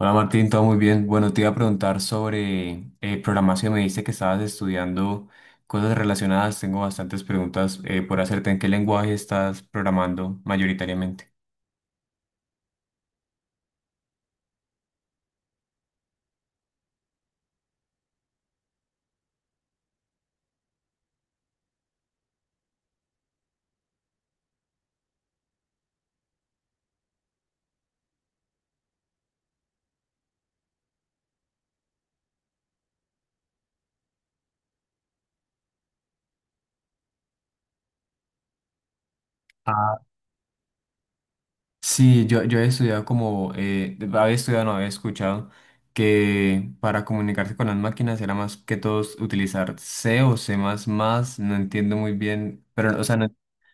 Hola Martín, todo muy bien. Bueno, te iba a preguntar sobre programación. Me dice que estabas estudiando cosas relacionadas. Tengo bastantes preguntas por hacerte. ¿En qué lenguaje estás programando mayoritariamente? Sí, yo he estudiado como, había estudiado, no había escuchado que para comunicarse con las máquinas era más que todos utilizar C o C++, no entiendo muy bien, pero o sea, no,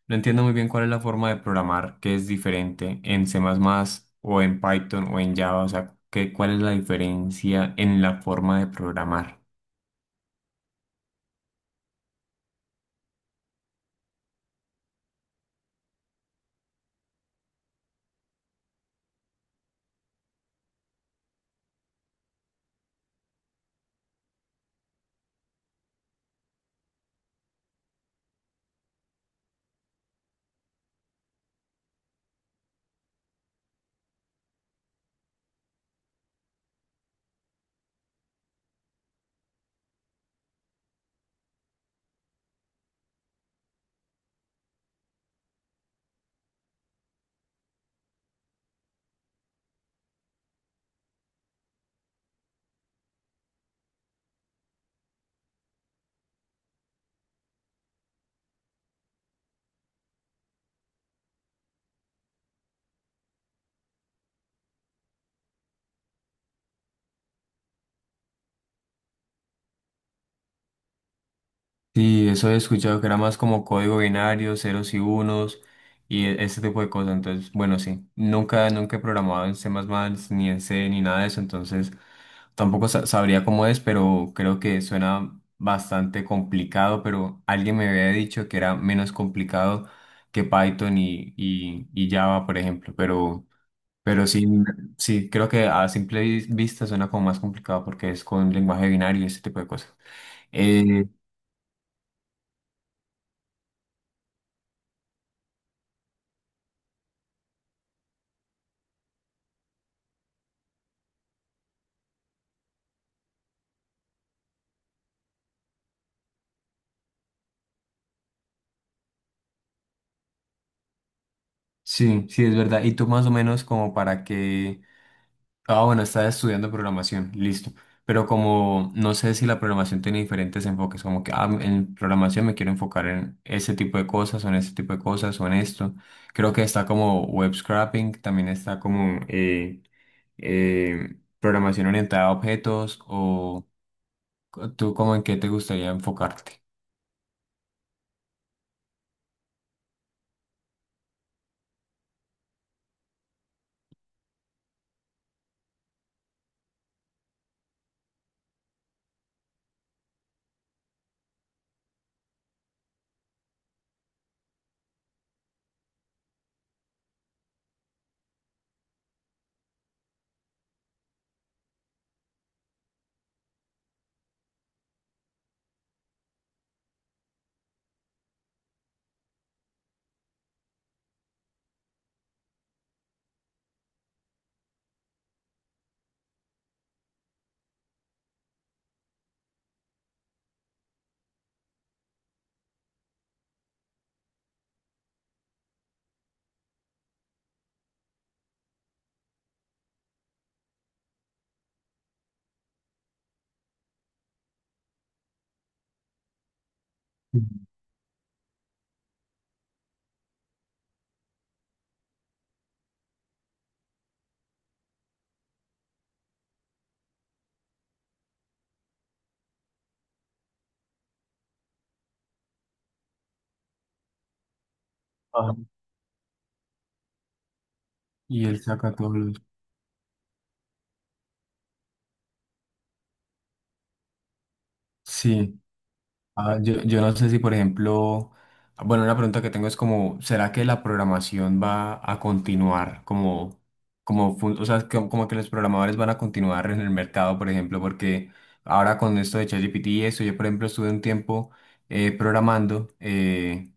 no entiendo muy bien cuál es la forma de programar que es diferente en C++ o en Python o en Java, o sea, que, cuál es la diferencia en la forma de programar. Sí, eso he escuchado que era más como código binario, ceros y unos y ese tipo de cosas. Entonces, bueno, sí, nunca he programado en C++, ni en C, ni nada de eso. Entonces, tampoco sabría cómo es, pero creo que suena bastante complicado. Pero alguien me había dicho que era menos complicado que Python y Java, por ejemplo. Pero sí, sí, creo que a simple vista suena como más complicado porque es con lenguaje binario y ese tipo de cosas. Eh, Sí, sí, es verdad. Y tú más o menos como para que... Ah, bueno, estás estudiando programación, listo. Pero como no sé si la programación tiene diferentes enfoques, como que ah, en programación me quiero enfocar en ese tipo de cosas o en ese tipo de cosas o en esto. Creo que está como web scraping, también está como programación orientada a objetos o tú como en qué te gustaría enfocarte. Ujú. Ajá. Y él saca todos los... Sí. Ah, yo no sé si, por ejemplo, bueno, una pregunta que tengo es como, ¿será que la programación va a continuar como, como, o sea, como, como que los programadores van a continuar en el mercado, por ejemplo, porque ahora con esto de ChatGPT y eso, yo, por ejemplo, estuve un tiempo programando.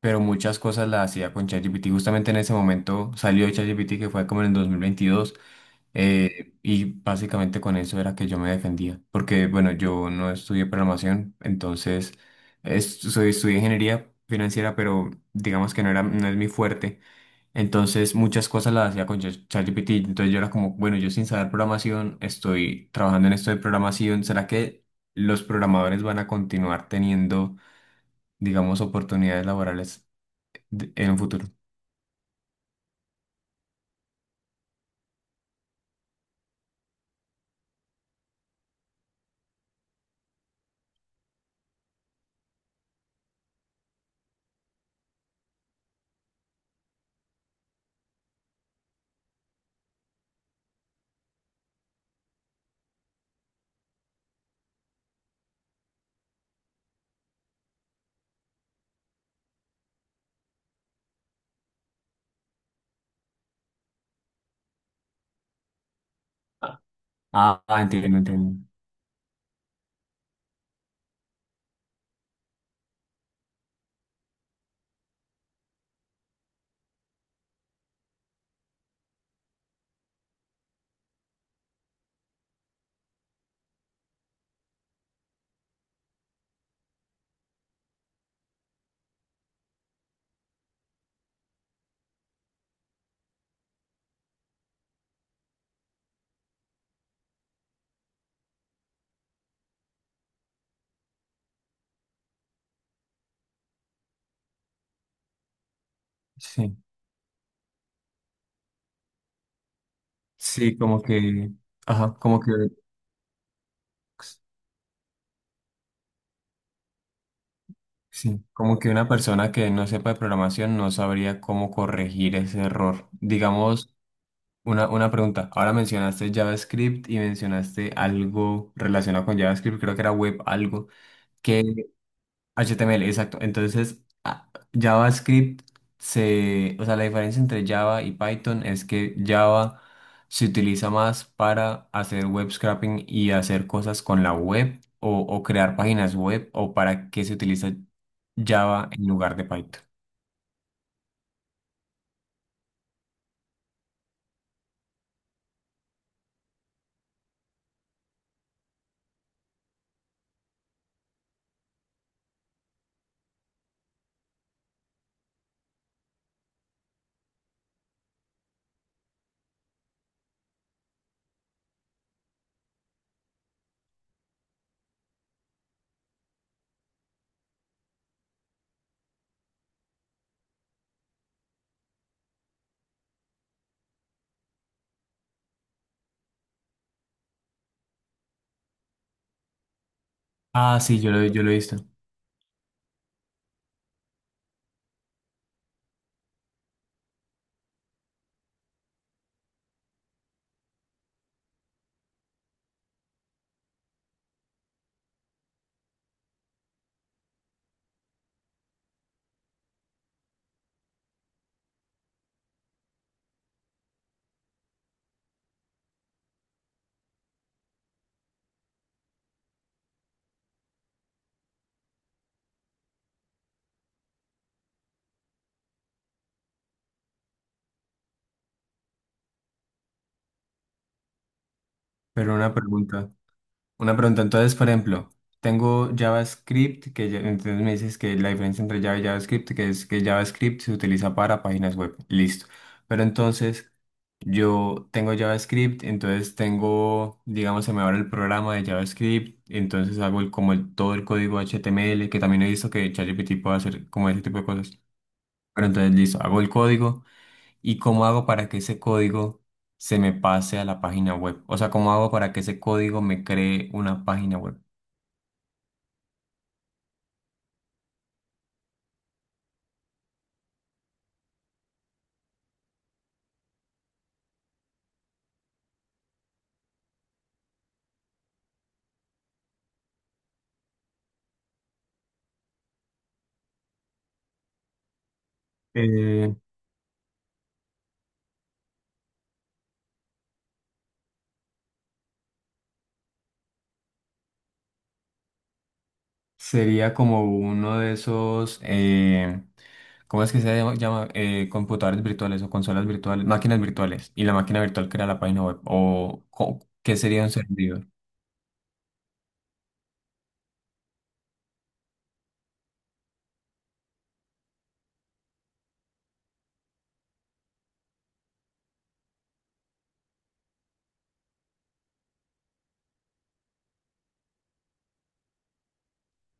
Pero muchas cosas las hacía con ChatGPT. Justamente en ese momento salió ChatGPT, que fue como en el 2022, y básicamente con eso era que yo me defendía, porque bueno, yo no estudié programación, entonces soy, estudié ingeniería financiera, pero digamos que no era, no es mi fuerte. Entonces muchas cosas las hacía con ChatGPT. Entonces yo era como, bueno, yo sin saber programación estoy trabajando en esto de programación. ¿Será que los programadores van a continuar teniendo, digamos, oportunidades laborales? En un futuro. Ah, ah, entiendo, entiendo. Sí, sí, como que, ajá, como que, sí, como que una persona que no sepa de programación no sabría cómo corregir ese error. Digamos, una pregunta. Ahora mencionaste JavaScript y mencionaste algo relacionado con JavaScript, creo que era web algo. HTML, exacto. Entonces, JavaScript se, o sea, la diferencia entre Java y Python es que Java se utiliza más para hacer web scraping y hacer cosas con la web o crear páginas web o para qué se utiliza Java en lugar de Python. Ah, sí, yo lo he visto. Pero una pregunta. Una pregunta, entonces, por ejemplo, tengo JavaScript, que entonces me dices que la diferencia entre Java y JavaScript, que es que JavaScript se utiliza para páginas web, listo. Pero entonces, yo tengo JavaScript, entonces tengo, digamos, se me abre el programa de JavaScript, entonces hago el, como todo el código HTML, que también he visto que ChatGPT puede hacer como ese tipo de cosas. Pero entonces, listo, hago el código. ¿Y cómo hago para que ese código se me pase a la página web? O sea, ¿cómo hago para que ese código me cree una página web? Eh, sería como uno de esos, ¿cómo es que se llama? Computadores virtuales o consolas virtuales, máquinas virtuales. Y la máquina virtual crea la página web. ¿O qué sería un servidor?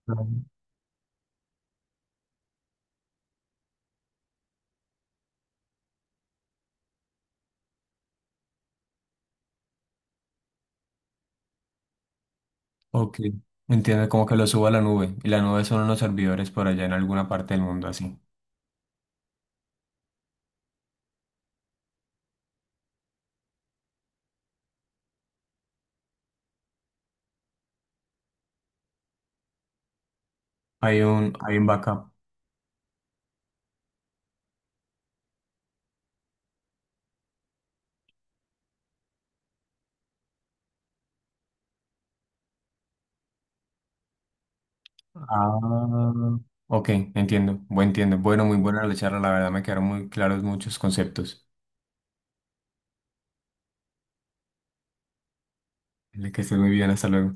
Ah, ok, entiendo, como que lo subo a la nube. Y la nube son unos servidores por allá en alguna parte del mundo así. Hay un backup. Ah, ok, entiendo. Bueno, entiendo. Bueno, muy buena la charla, la verdad me quedaron muy claros muchos conceptos. Dale, que estés muy bien, hasta luego.